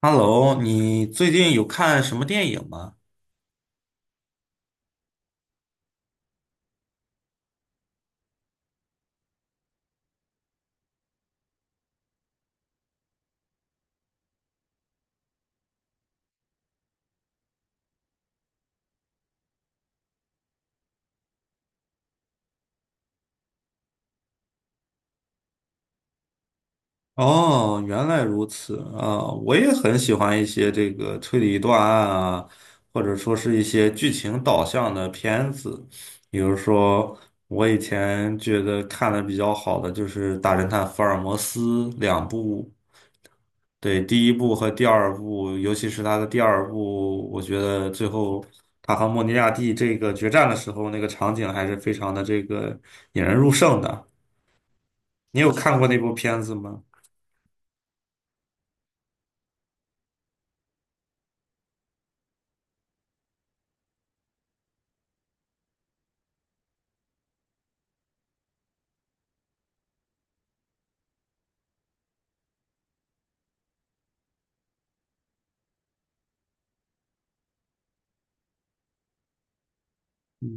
Hello，你最近有看什么电影吗？哦，原来如此啊，我也很喜欢一些这个推理断案啊，或者说是一些剧情导向的片子。比如说，我以前觉得看的比较好的就是《大侦探福尔摩斯》两部，对，第一部和第二部，尤其是他的第二部，我觉得最后他和莫尼亚蒂这个决战的时候，那个场景还是非常的这个引人入胜的。你有看过那部片子吗？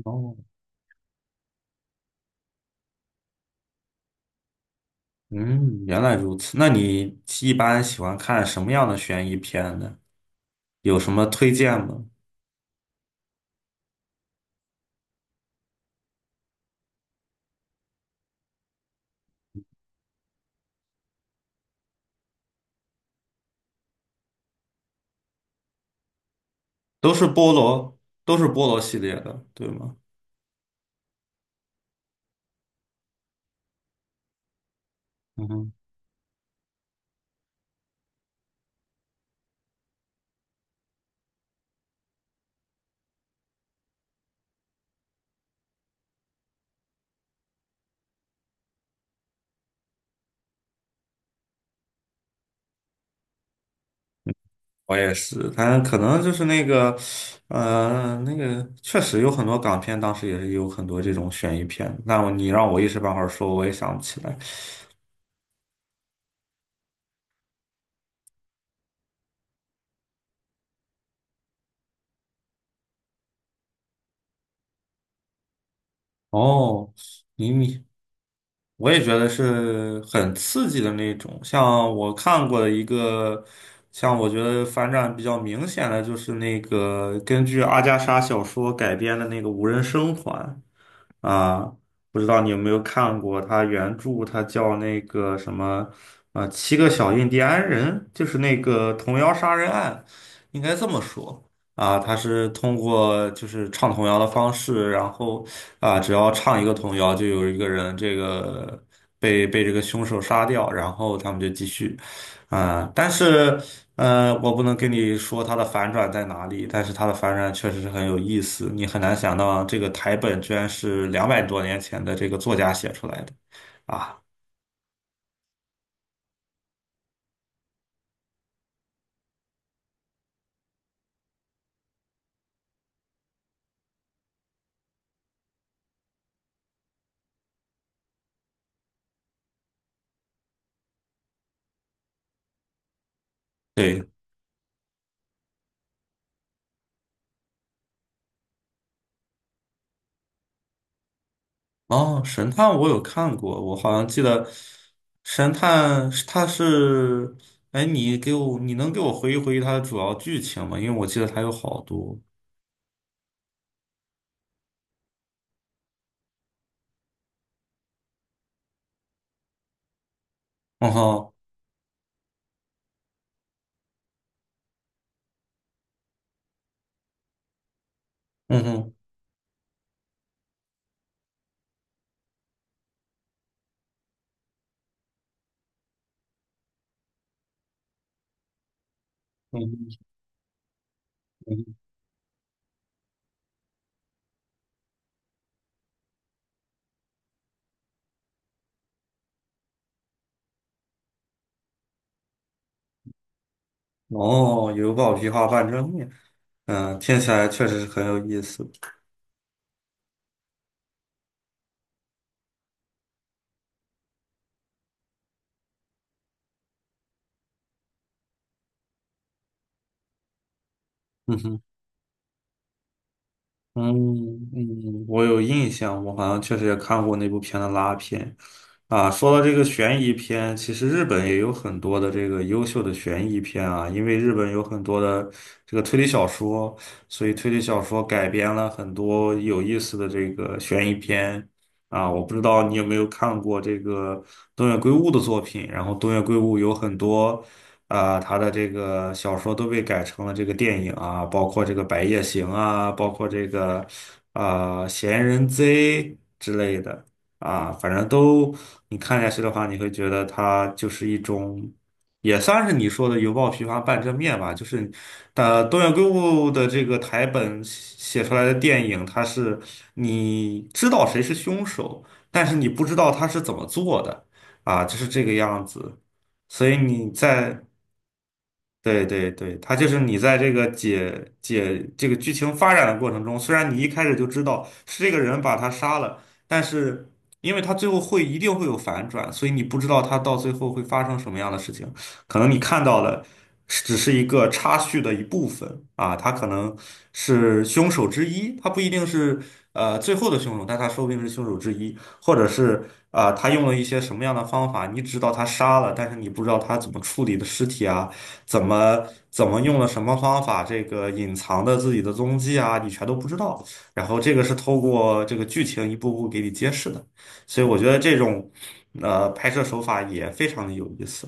哦，嗯，原来如此。那你一般喜欢看什么样的悬疑片呢？有什么推荐吗？都是菠萝，都是菠萝系列的，对吗？嗯哼，我也是，但可能就是那个，那个确实有很多港片，当时也是有很多这种悬疑片。那你让我一时半会儿说，我也想不起来。哦，你。我也觉得是很刺激的那种。像我看过的一个，像我觉得反转比较明显的，就是那个根据阿加莎小说改编的那个《无人生还》。啊，不知道你有没有看过他原著，他叫那个什么，七个小印第安人，就是那个童谣杀人案，应该这么说啊。他是通过就是唱童谣的方式，然后啊，只要唱一个童谣，就有一个人这个被这个凶手杀掉，然后他们就继续啊。但是我不能跟你说它的反转在哪里，但是它的反转确实是很有意思。你很难想到这个台本居然是200多年前的这个作家写出来的啊！对，哦，神探我有看过，我好像记得神探是它是，哎，你能给我回忆回忆它的主要剧情吗？因为我记得它有好多。嗯哼，嗯哼，嗯哼，嗯哼。哦，有宝皮画半遮面，嗯，听起来确实是很有意思。嗯哼。嗯嗯，我有印象，我好像确实也看过那部片的拉片。啊，说到这个悬疑片，其实日本也有很多的这个优秀的悬疑片啊，因为日本有很多的这个推理小说，所以推理小说改编了很多有意思的这个悬疑片啊。我不知道你有没有看过这个东野圭吾的作品，然后东野圭吾有很多。啊、他的这个小说都被改成了这个电影啊，包括这个《白夜行》啊，包括这个啊、闲人贼》之类的啊，反正都你看下去的话，你会觉得它就是一种，也算是你说的犹抱琵琶半遮面吧，就是东野圭吾的这个台本写出来的电影，它是你知道谁是凶手，但是你不知道他是怎么做的啊，就是这个样子。所以你在对对对，他就是你在这个解这个剧情发展的过程中，虽然你一开始就知道是这个人把他杀了，但是因为他最后一定会有反转，所以你不知道他到最后会发生什么样的事情。可能你看到的是只是一个插叙的一部分啊，他可能是凶手之一，他不一定是最后的凶手，但他说不定是凶手之一，或者是啊、他用了一些什么样的方法，你知道他杀了，但是你不知道他怎么处理的尸体啊。怎么用了什么方法，这个隐藏的自己的踪迹啊，你全都不知道。然后这个是透过这个剧情一步步给你揭示的，所以我觉得这种拍摄手法也非常的有意思。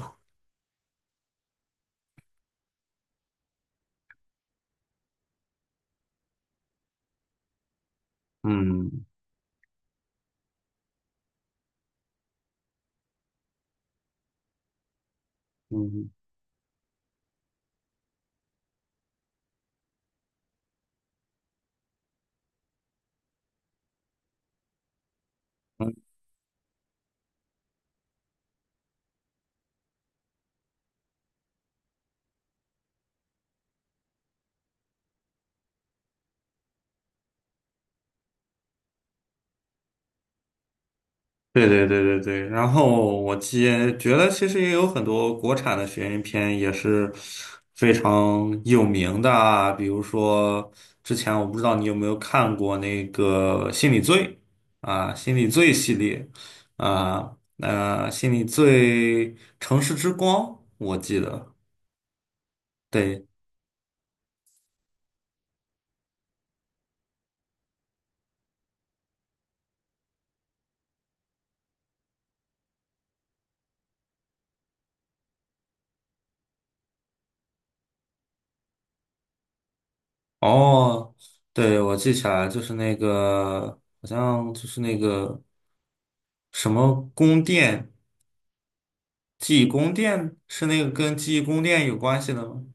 嗯嗯。对对对对对，然后我也觉得其实也有很多国产的悬疑片也是非常有名的啊，比如说之前我不知道你有没有看过那个《心理罪》啊，《心理罪》系列啊，那《心理罪》《城市之光》，我记得，对，哦，对，我记起来就是那个好像就是那个什么宫殿。记忆宫殿是那个跟记忆宫殿有关系的吗？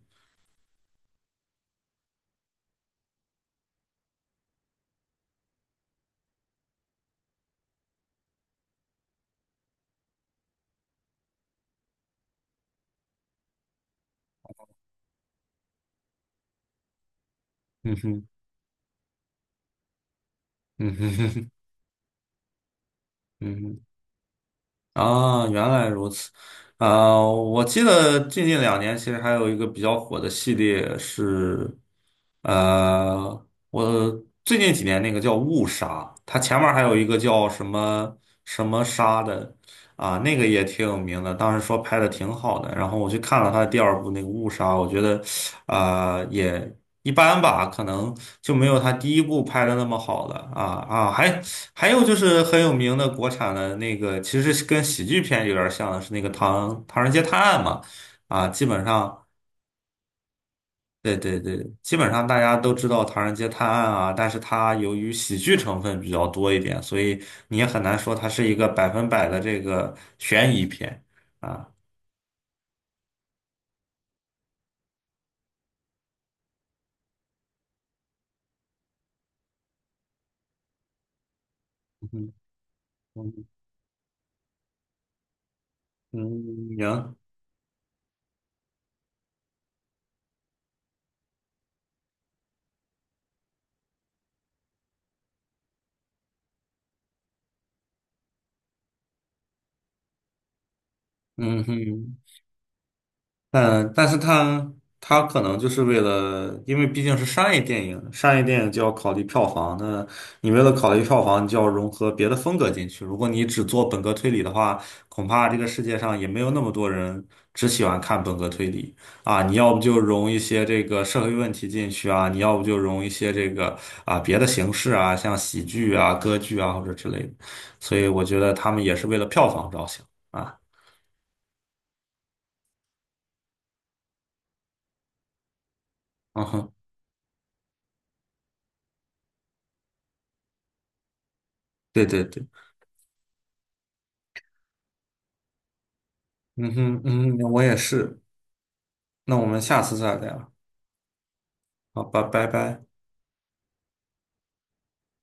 嗯哼，嗯哼哼哼，嗯哼，啊，原来如此。啊，我记得最近2年其实还有一个比较火的系列是，我最近几年那个叫误杀，它前面还有一个叫什么什么杀的，啊，那个也挺有名的，当时说拍的挺好的，然后我去看了他的第二部那个误杀，我觉得，啊、也一般吧，可能就没有他第一部拍的那么好了啊，还还有就是很有名的国产的那个，其实是跟喜剧片有点像的是那个唐《唐人街探案》嘛，啊，基本上对对对，基本上大家都知道《唐人街探案》啊，但是它由于喜剧成分比较多一点，所以你也很难说它是一个百分百的这个悬疑片。嗯嗯嗯，行，嗯哼。嗯，但是他他可能就是为了，因为毕竟是商业电影，商业电影就要考虑票房。那你为了考虑票房，你就要融合别的风格进去。如果你只做本格推理的话，恐怕这个世界上也没有那么多人只喜欢看本格推理啊。你要不就融一些这个社会问题进去啊，你要不就融一些这个啊别的形式啊，像喜剧啊、歌剧啊或者之类的。所以我觉得他们也是为了票房着想啊。嗯哼，对对对。嗯哼，嗯哼，我也是。那我们下次再聊。好吧，拜拜。